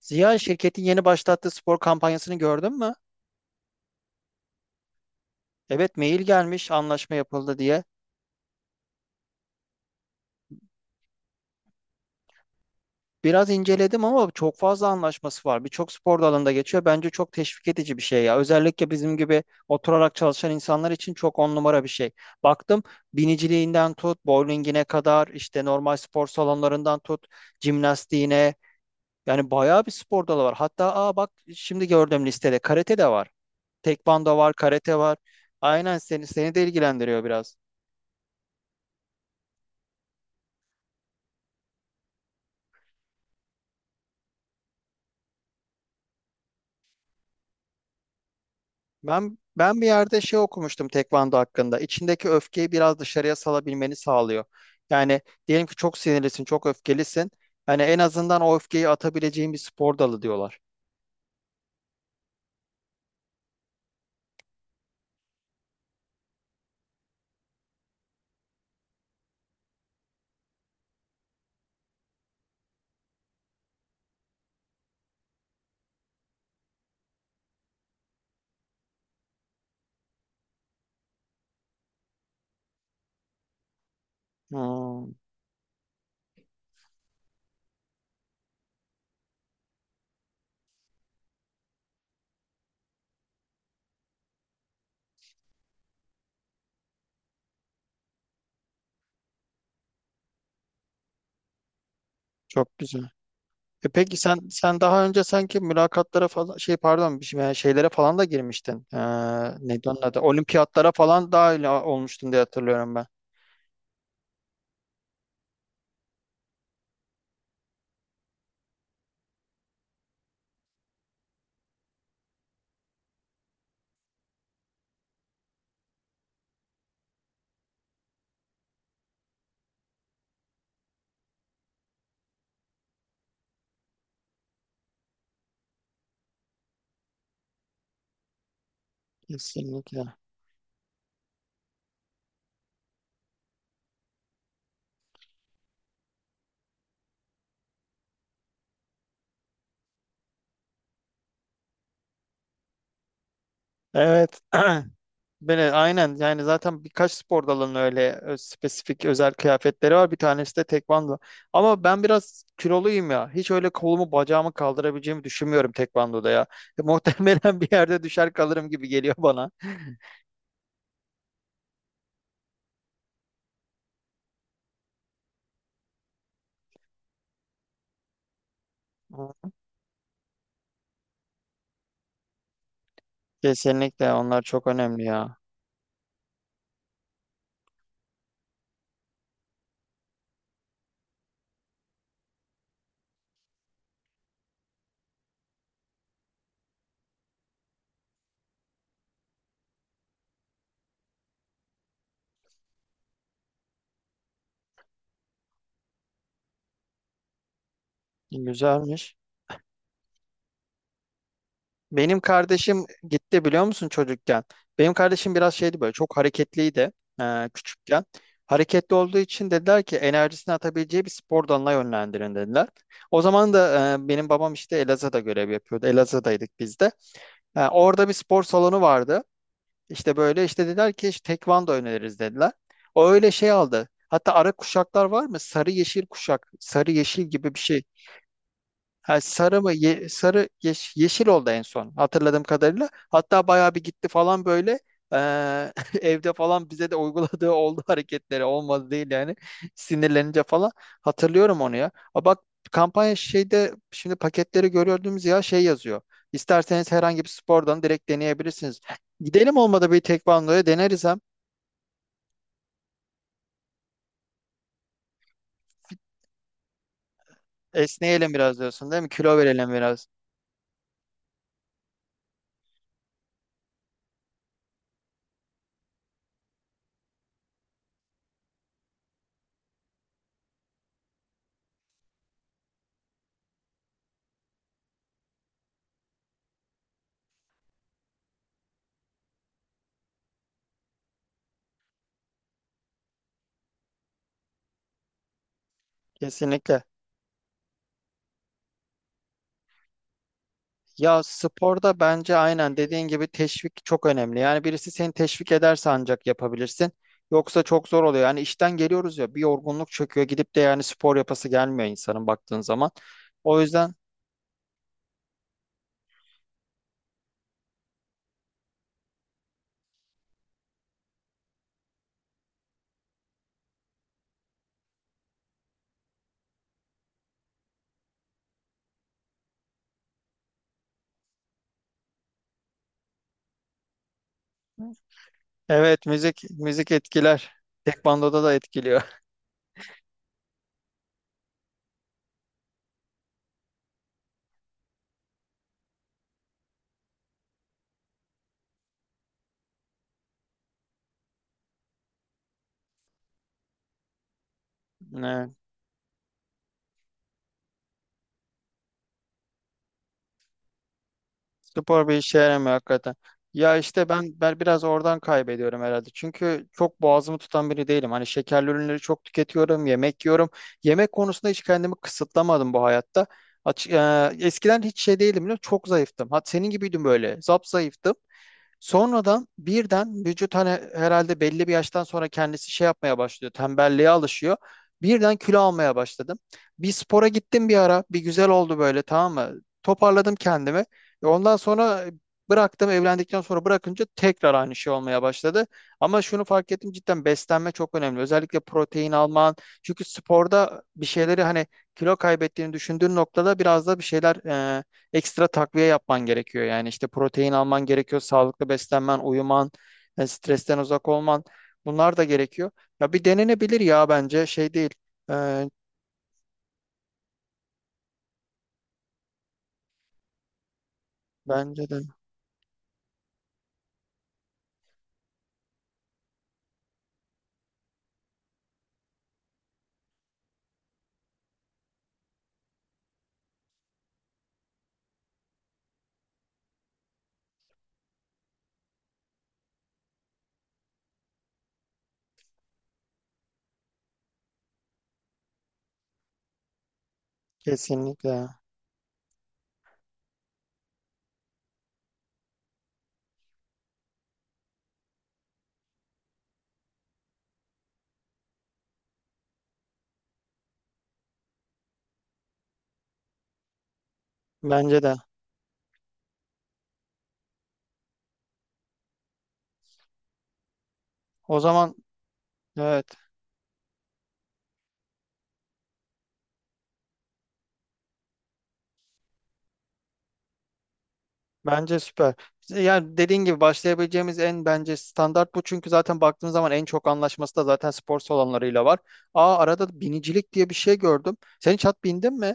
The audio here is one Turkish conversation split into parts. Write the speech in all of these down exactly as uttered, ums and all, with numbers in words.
Ziya, şirketin yeni başlattığı spor kampanyasını gördün mü? Evet, mail gelmiş anlaşma yapıldı diye. Biraz inceledim ama çok fazla anlaşması var. Birçok spor dalında geçiyor. Bence çok teşvik edici bir şey ya. Özellikle bizim gibi oturarak çalışan insanlar için çok on numara bir şey. Baktım, biniciliğinden tut, bowlingine kadar, işte normal spor salonlarından tut, jimnastiğine. Yani bayağı bir spor dalı var. Hatta aa bak, şimdi gördüm listede karate de var. Tekvando var, karate var. Aynen, seni seni de ilgilendiriyor biraz. Ben ben bir yerde şey okumuştum tekvando hakkında. İçindeki öfkeyi biraz dışarıya salabilmeni sağlıyor. Yani diyelim ki çok sinirlisin, çok öfkelisin. Hani en azından o öfkeyi atabileceğin bir spor dalı diyorlar. Hmm, çok güzel. E peki sen sen daha önce sanki mülakatlara falan şey, pardon, bir şey- yani şeylere falan da girmiştin. Ee, neydi onun adı? Olimpiyatlara falan dahil olmuştun diye hatırlıyorum ben. Kesinlikle. Evet. Böyle aynen, yani zaten birkaç spor dalının öyle ö- spesifik özel kıyafetleri var. Bir tanesi de tekvando. Ama ben biraz kiloluyum ya. Hiç öyle kolumu bacağımı kaldırabileceğimi düşünmüyorum tekvandoda ya. Muhtemelen bir yerde düşer kalırım gibi geliyor bana. Hı. Kesinlikle, onlar çok önemli ya. Güzelmiş. Benim kardeşim gitti biliyor musun çocukken? Benim kardeşim biraz şeydi, böyle çok hareketliydi e, küçükken. Hareketli olduğu için dediler ki enerjisini atabileceği bir spor dalına yönlendirin dediler. O zaman da e, benim babam işte Elazığ'da görev yapıyordu. Elazığ'daydık biz de. E, orada bir spor salonu vardı. İşte böyle işte dediler ki işte tekvando öneririz dediler. O öyle şey aldı. Hatta ara kuşaklar var mı? Sarı yeşil kuşak, sarı yeşil gibi bir şey. Ha, sarı mı? Ye- sarı yeş- yeşil oldu en son hatırladığım kadarıyla. Hatta bayağı bir gitti falan böyle. Ee, evde falan bize de uyguladığı oldu hareketleri olmadı değil yani sinirlenince falan hatırlıyorum onu ya. A bak, kampanya şeyde şimdi paketleri görüyordunuz ya şey yazıyor. İsterseniz herhangi bir spordan direkt deneyebilirsiniz. Gidelim, olmadı bir tekvandoya deneriz, hem esneyelim biraz diyorsun değil mi? Kilo verelim biraz. Kesinlikle. Ya sporda bence aynen dediğin gibi teşvik çok önemli. Yani birisi seni teşvik ederse ancak yapabilirsin. Yoksa çok zor oluyor. Yani işten geliyoruz ya, bir yorgunluk çöküyor, gidip de yani spor yapası gelmiyor insanın baktığın zaman. O yüzden evet, müzik müzik etkiler. Tekvandoda da etkiliyor. Spor bir işe yaramıyor hakikaten. Ya işte ben ben biraz oradan kaybediyorum herhalde. Çünkü çok boğazımı tutan biri değilim. Hani şekerli ürünleri çok tüketiyorum, yemek yiyorum. Yemek konusunda hiç kendimi kısıtlamadım bu hayatta. Açık, eee, eskiden hiç şey değilim, biliyor musun? Çok zayıftım. Hat senin gibiydim böyle. Zap zayıftım. Sonradan birden vücut hani herhalde belli bir yaştan sonra kendisi şey yapmaya başlıyor. Tembelliğe alışıyor. Birden kilo almaya başladım. Bir spora gittim bir ara. Bir güzel oldu böyle, tamam mı? Toparladım kendimi. E ondan sonra bıraktım. Evlendikten sonra bırakınca tekrar aynı şey olmaya başladı. Ama şunu fark ettim, cidden beslenme çok önemli. Özellikle protein alman. Çünkü sporda bir şeyleri hani kilo kaybettiğini düşündüğün noktada biraz da bir şeyler ekstra takviye yapman gerekiyor. Yani işte protein alman gerekiyor, sağlıklı beslenmen, uyuman, e, stresten uzak olman, bunlar da gerekiyor. Ya bir denenebilir ya, bence şey değil. Ee, bence de kesinlikle. Bence de. O zaman evet, bence süper. Yani dediğin gibi başlayabileceğimiz en bence standart bu. Çünkü zaten baktığın zaman en çok anlaşması da zaten spor salonlarıyla var. Aa, arada binicilik diye bir şey gördüm. Sen hiç at bindin mi?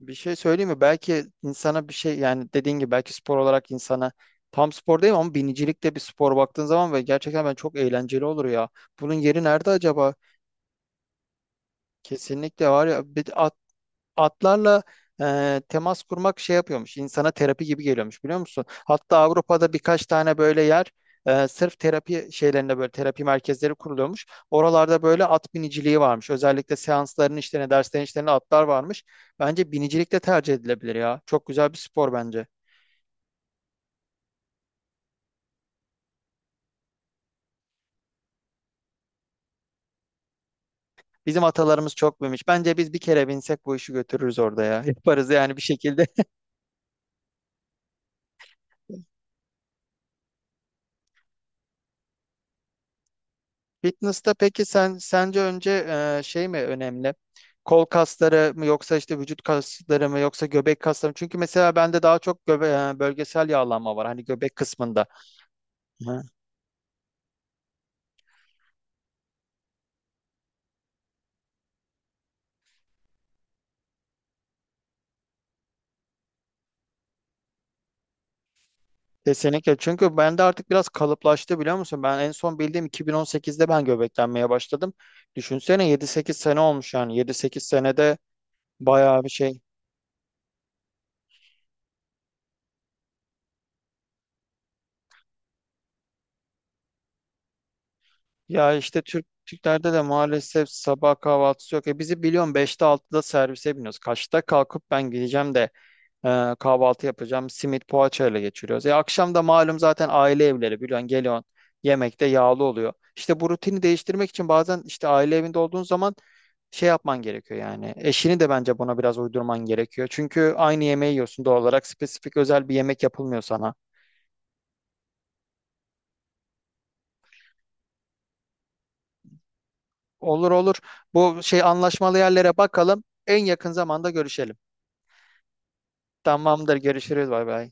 Bir şey söyleyeyim mi? Belki insana bir şey, yani dediğin gibi belki spor olarak insana tam spor değil ama binicilik de bir spor baktığın zaman ve gerçekten ben çok eğlenceli olur ya. Bunun yeri nerede acaba? Kesinlikle var ya. Bir, atlarla e, temas kurmak şey yapıyormuş. İnsana terapi gibi geliyormuş biliyor musun? Hatta Avrupa'da birkaç tane böyle yer, e, sırf terapi şeylerinde böyle terapi merkezleri kuruluyormuş. Oralarda böyle at biniciliği varmış. Özellikle seansların işlerine, derslerin işlerine atlar varmış. Bence binicilik de tercih edilebilir ya. Çok güzel bir spor bence. Bizim atalarımız çok binmiş. Bence biz bir kere binsek bu işi götürürüz orada ya. Yaparız yani bir şekilde. Fitness'ta peki sen sence önce e, şey mi önemli? Kol kasları mı, yoksa işte vücut kasları mı, yoksa göbek kasları mı? Çünkü mesela bende daha çok göbe e, bölgesel yağlanma var hani göbek kısmında. Hı. Kesinlikle. Çünkü bende artık biraz kalıplaştı biliyor musun? Ben en son bildiğim iki bin on sekizde ben göbeklenmeye başladım. Düşünsene yedi sekiz sene olmuş yani. yedi sekiz senede bayağı bir şey. Ya işte Türk Türklerde de maalesef sabah kahvaltısı yok. E bizi biliyorsun beşte altıda servise biniyoruz. Kaçta kalkıp ben gideceğim de Ee, kahvaltı yapacağım. Simit poğaçayla geçiriyoruz. E, akşam da malum zaten aile evleri biliyorsun, geliyorsun yemekte yağlı oluyor. İşte bu rutini değiştirmek için bazen işte aile evinde olduğun zaman şey yapman gerekiyor yani. Eşini de bence buna biraz uydurman gerekiyor. Çünkü aynı yemeği yiyorsun doğal olarak. Spesifik özel bir yemek yapılmıyor sana. Olur olur. Bu şey anlaşmalı yerlere bakalım. En yakın zamanda görüşelim. Tamamdır. Görüşürüz. Bay bay.